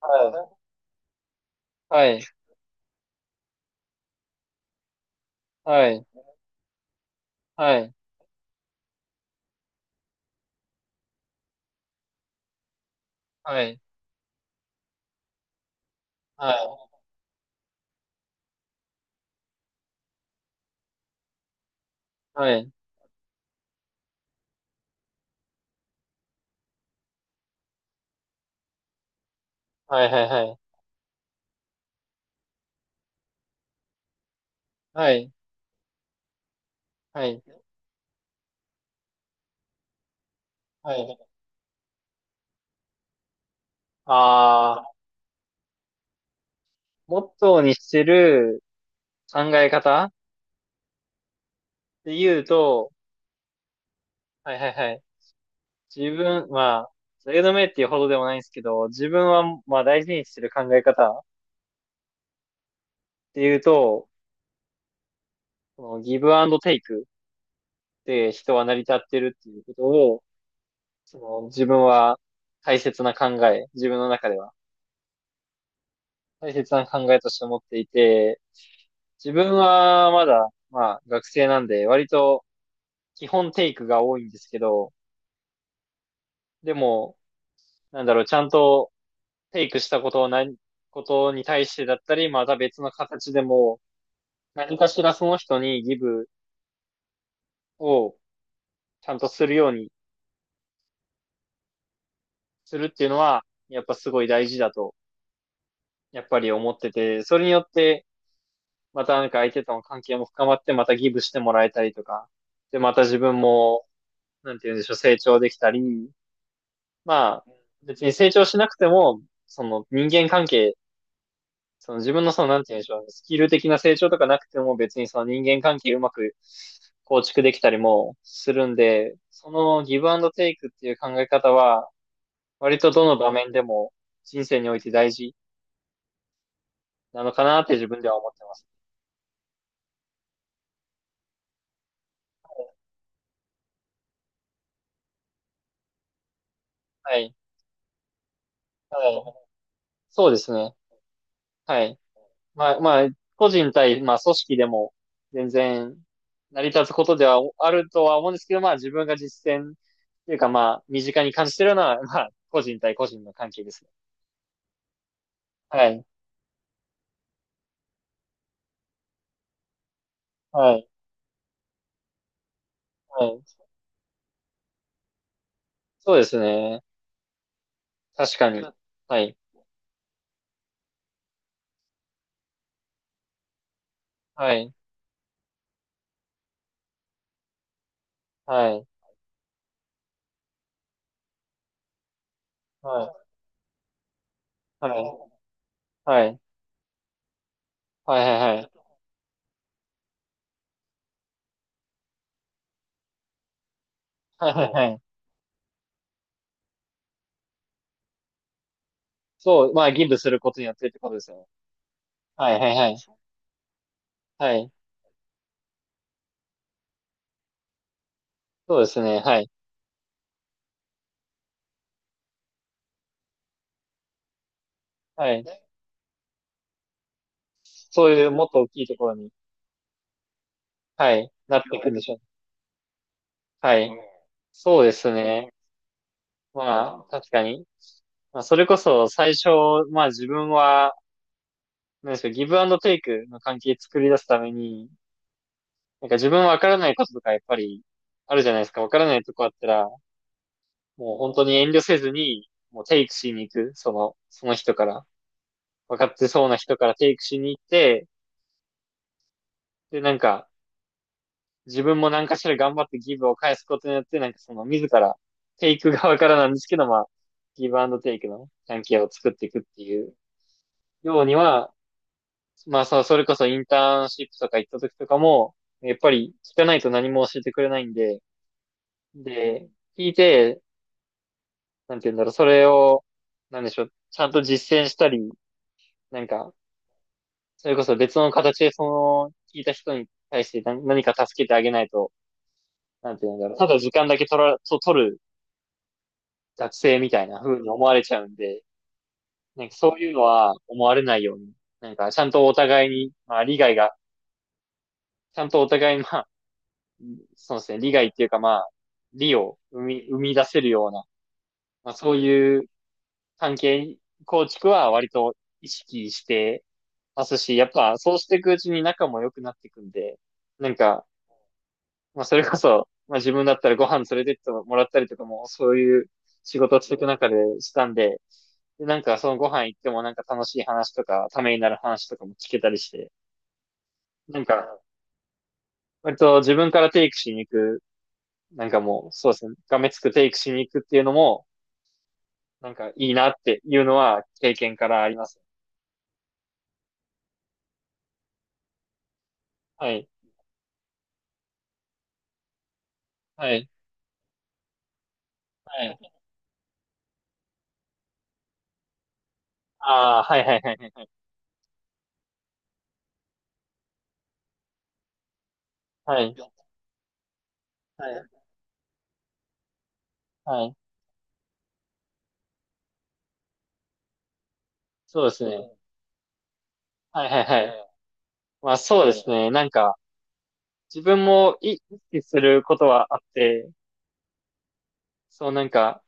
はい、はい、はい、はい、はい、はい、はい、はい、はい、はい、はい、はい。ああ、モットーにしてる考え方って言うと、はい、はい、はい。自分、まあ、トレードメっていうほどでもないんですけど、自分は、まあ、大事にしてる考え方っていうと、そのギブアンドテイクで人は成り立ってるっていうことを、その自分は大切な考え、自分の中では大切な考えとして持っていて、自分はまだ、まあ学生なんで、割と基本テイクが多いんですけど、でも、なんだろう、ちゃんとテイクしたことをことに対してだったり、また別の形でも、何かしらその人にギブをちゃんとするようにするっていうのは、やっぱすごい大事だと、やっぱり思ってて、それによって、またなんか相手との関係も深まって、またギブしてもらえたりとか、で、また自分も、なんて言うんでしょう、成長できたり、まあ、別に成長しなくても、その人間関係、その自分のその、なんて言うんでしょう、スキル的な成長とかなくても別にその人間関係うまく構築できたりもするんで、そのギブアンドテイクっていう考え方は、割とどの場面でも人生において大事なのかなって自分では思ってます。はい。はい。そうですね。はい。まあ、まあ、個人対、まあ、組織でも、全然、成り立つことではあるとは思うんですけど、まあ、自分が実践、というか、まあ、身近に感じてるのは、まあ、個人対個人の関係ですね。はい。はい。はい。そうですね。確かに。はい。はい。はい。はい。はい。はい。はい。はい。はい。はい。はい。そう、まあ、ギブすることによってってことですよね。はい。はい。はい。はい。そうですね。はい。はい。そういうもっと大きいところに、はい。なっていくんでしょう。はい。そうですね。まあ、確かに。まあ、それこそ最初、まあ自分は、なんでしょう、ギブアンドテイクの関係作り出すために、なんか自分わからないこととかやっぱりあるじゃないですか。わからないとこあったら、もう本当に遠慮せずに、もうテイクしに行く。その、その人から。わかってそうな人からテイクしに行って、で、なんか、自分も何かしら頑張ってギブを返すことによって、なんかその自ら、テイク側からなんですけど、まあ、ギブアンドテイクの関係を作っていくっていうようには、まあ、それこそインターンシップとか行った時とかも、やっぱり聞かないと何も教えてくれないんで、で、聞いて、なんて言うんだろう、それを、なんでしょう、ちゃんと実践したり、なんか、それこそ別の形でその、聞いた人に対して何か助けてあげないと、なんて言うんだろう、ただ時間だけと取る学生みたいな風に思われちゃうんで、なんかそういうのは思われないように、なんかちゃんとお互いに、まあ理解が、ちゃんとお互いにまあそうですね、利害っていうかまあ、利を生み出せるような、まあそういう関係構築は割と意識してますし、やっぱそうしていくうちに仲も良くなっていくんで、なんか、まあそれこそ、まあ自分だったらご飯連れてってもらったりとかも、そういう仕事をしていく中でしたんで、で、なんかそのご飯行ってもなんか楽しい話とか、ためになる話とかも聞けたりして、なんか、割と自分からテイクしに行くなんかもう、そうですね。がめつくテイクしに行くっていうのも、なんかいいなっていうのは経験からあります。はい。はい。はい。ああ、はいはいはいはい。はい。はいはい。そうですね。はいはいはい。まあそうですね。なんか、自分も意識することはあって、そうなんか、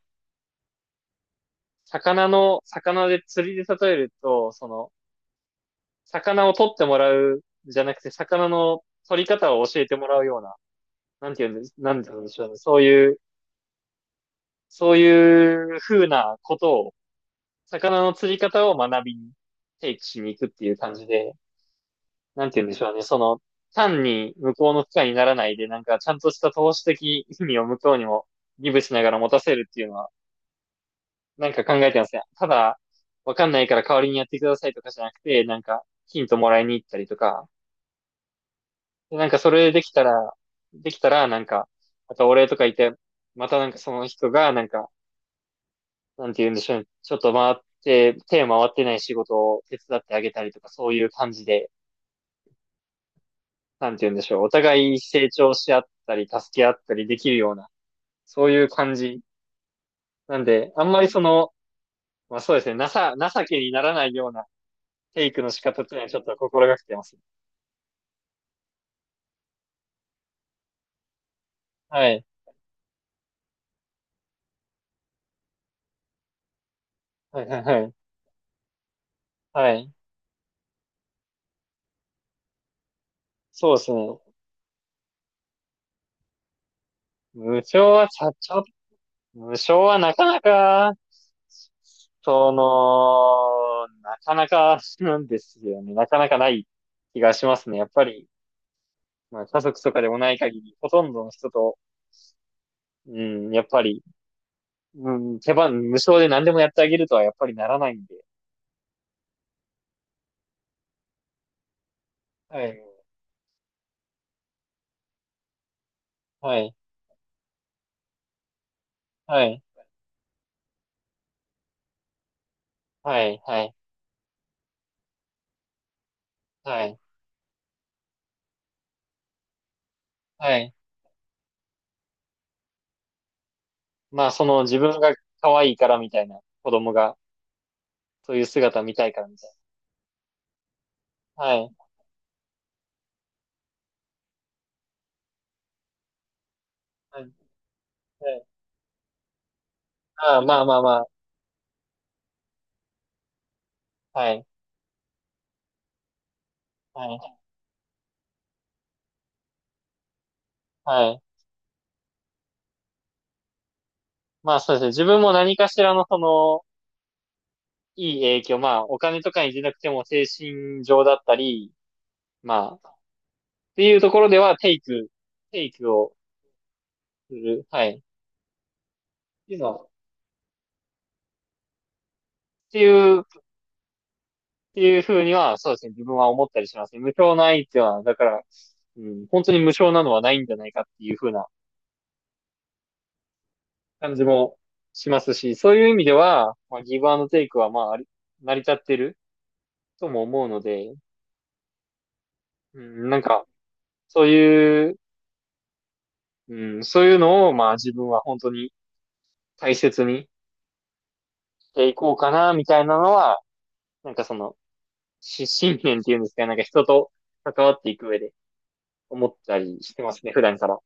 魚の、魚で釣りで例えると、その、魚を取ってもらうじゃなくて、魚の取り方を教えてもらうような、なんていうんです、なんていうんでしょうね。そういうそういう風なことを、魚の釣り方を学びに、提起しに行くっていう感じで、なんて言うんでしょうね。その、単に向こうの負荷にならないで、なんかちゃんとした投資的意味を向こうにもギブしながら持たせるっていうのは、なんか考えてますね。ただ、わかんないから代わりにやってくださいとかじゃなくて、なんか、ヒントもらいに行ったりとか、でなんかそれできたら、できたら、なんか、またお礼とか言って、またなんかその人が、なんか、なんて言うんでしょうね。ちょっと回って、手を回ってない仕事を手伝ってあげたりとか、そういう感じで、なんて言うんでしょう。お互い成長し合ったり、助け合ったりできるような、そういう感じ。なんで、あんまりその、まあそうですね、情けにならないようなテイクの仕方っていうのはちょっと心がけてます。はい。はいはいはい。はい。そうですね。無償はちゃちゃ無償はなかなか、その、なかなかなんですよね。なかなかない気がしますね。やっぱり、まあ、家族とかでもない限り、ほとんどの人と、うん、やっぱり、うん、手番無償で何でもやってあげるとはやっぱりならないんで。はい、はい、はい、はい、はい、はい、はい。まあ、その自分が可愛いからみたいな、子供が、そういう姿見たいからみたいな。はい。はい。はいああ、まあまあまあ。はい。はい。はい。まあそうですね。自分も何かしらのその、いい影響、まあお金とかにじゃなくても精神上だったり、まあ、っていうところではテイク、テイクをする。はい。っていうのは、っていう、っていうふうには、そうですね。自分は思ったりしますね。無償の愛っていうのは、だから、うん、本当に無償なのはないんじゃないかっていうふうな感じもしますし、そういう意味では、まあ、ギブアンドテイクは、まあ、あり成り立ってるとも思うので、うん、なんか、そういううん、そういうのを、まあ自分は本当に大切にしていこうかな、みたいなのは、なんかその、信念っていうんですかね、なんか人と関わっていく上で思ったりしてますね、普段から。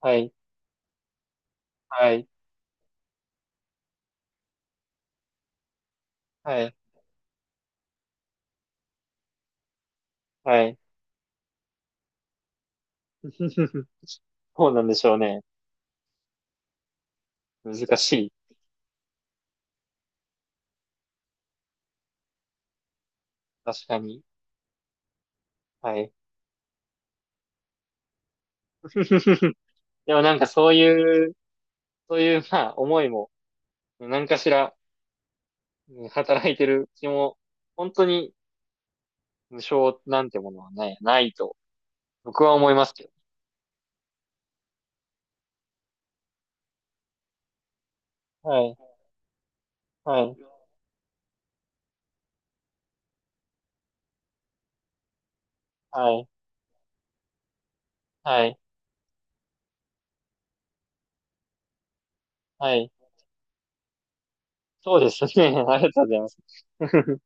はい、はい、はい、はい。そうなんでしょうね。難しい。確かに。はい。でもなんかそういう、そういう、まあ、思いも、何かしら、うん働いてる気も、本当に無償なんてものはない、ないと、僕は思いますけど。はい、はい。はい。はい。はい。そうですね。ありがとうございます。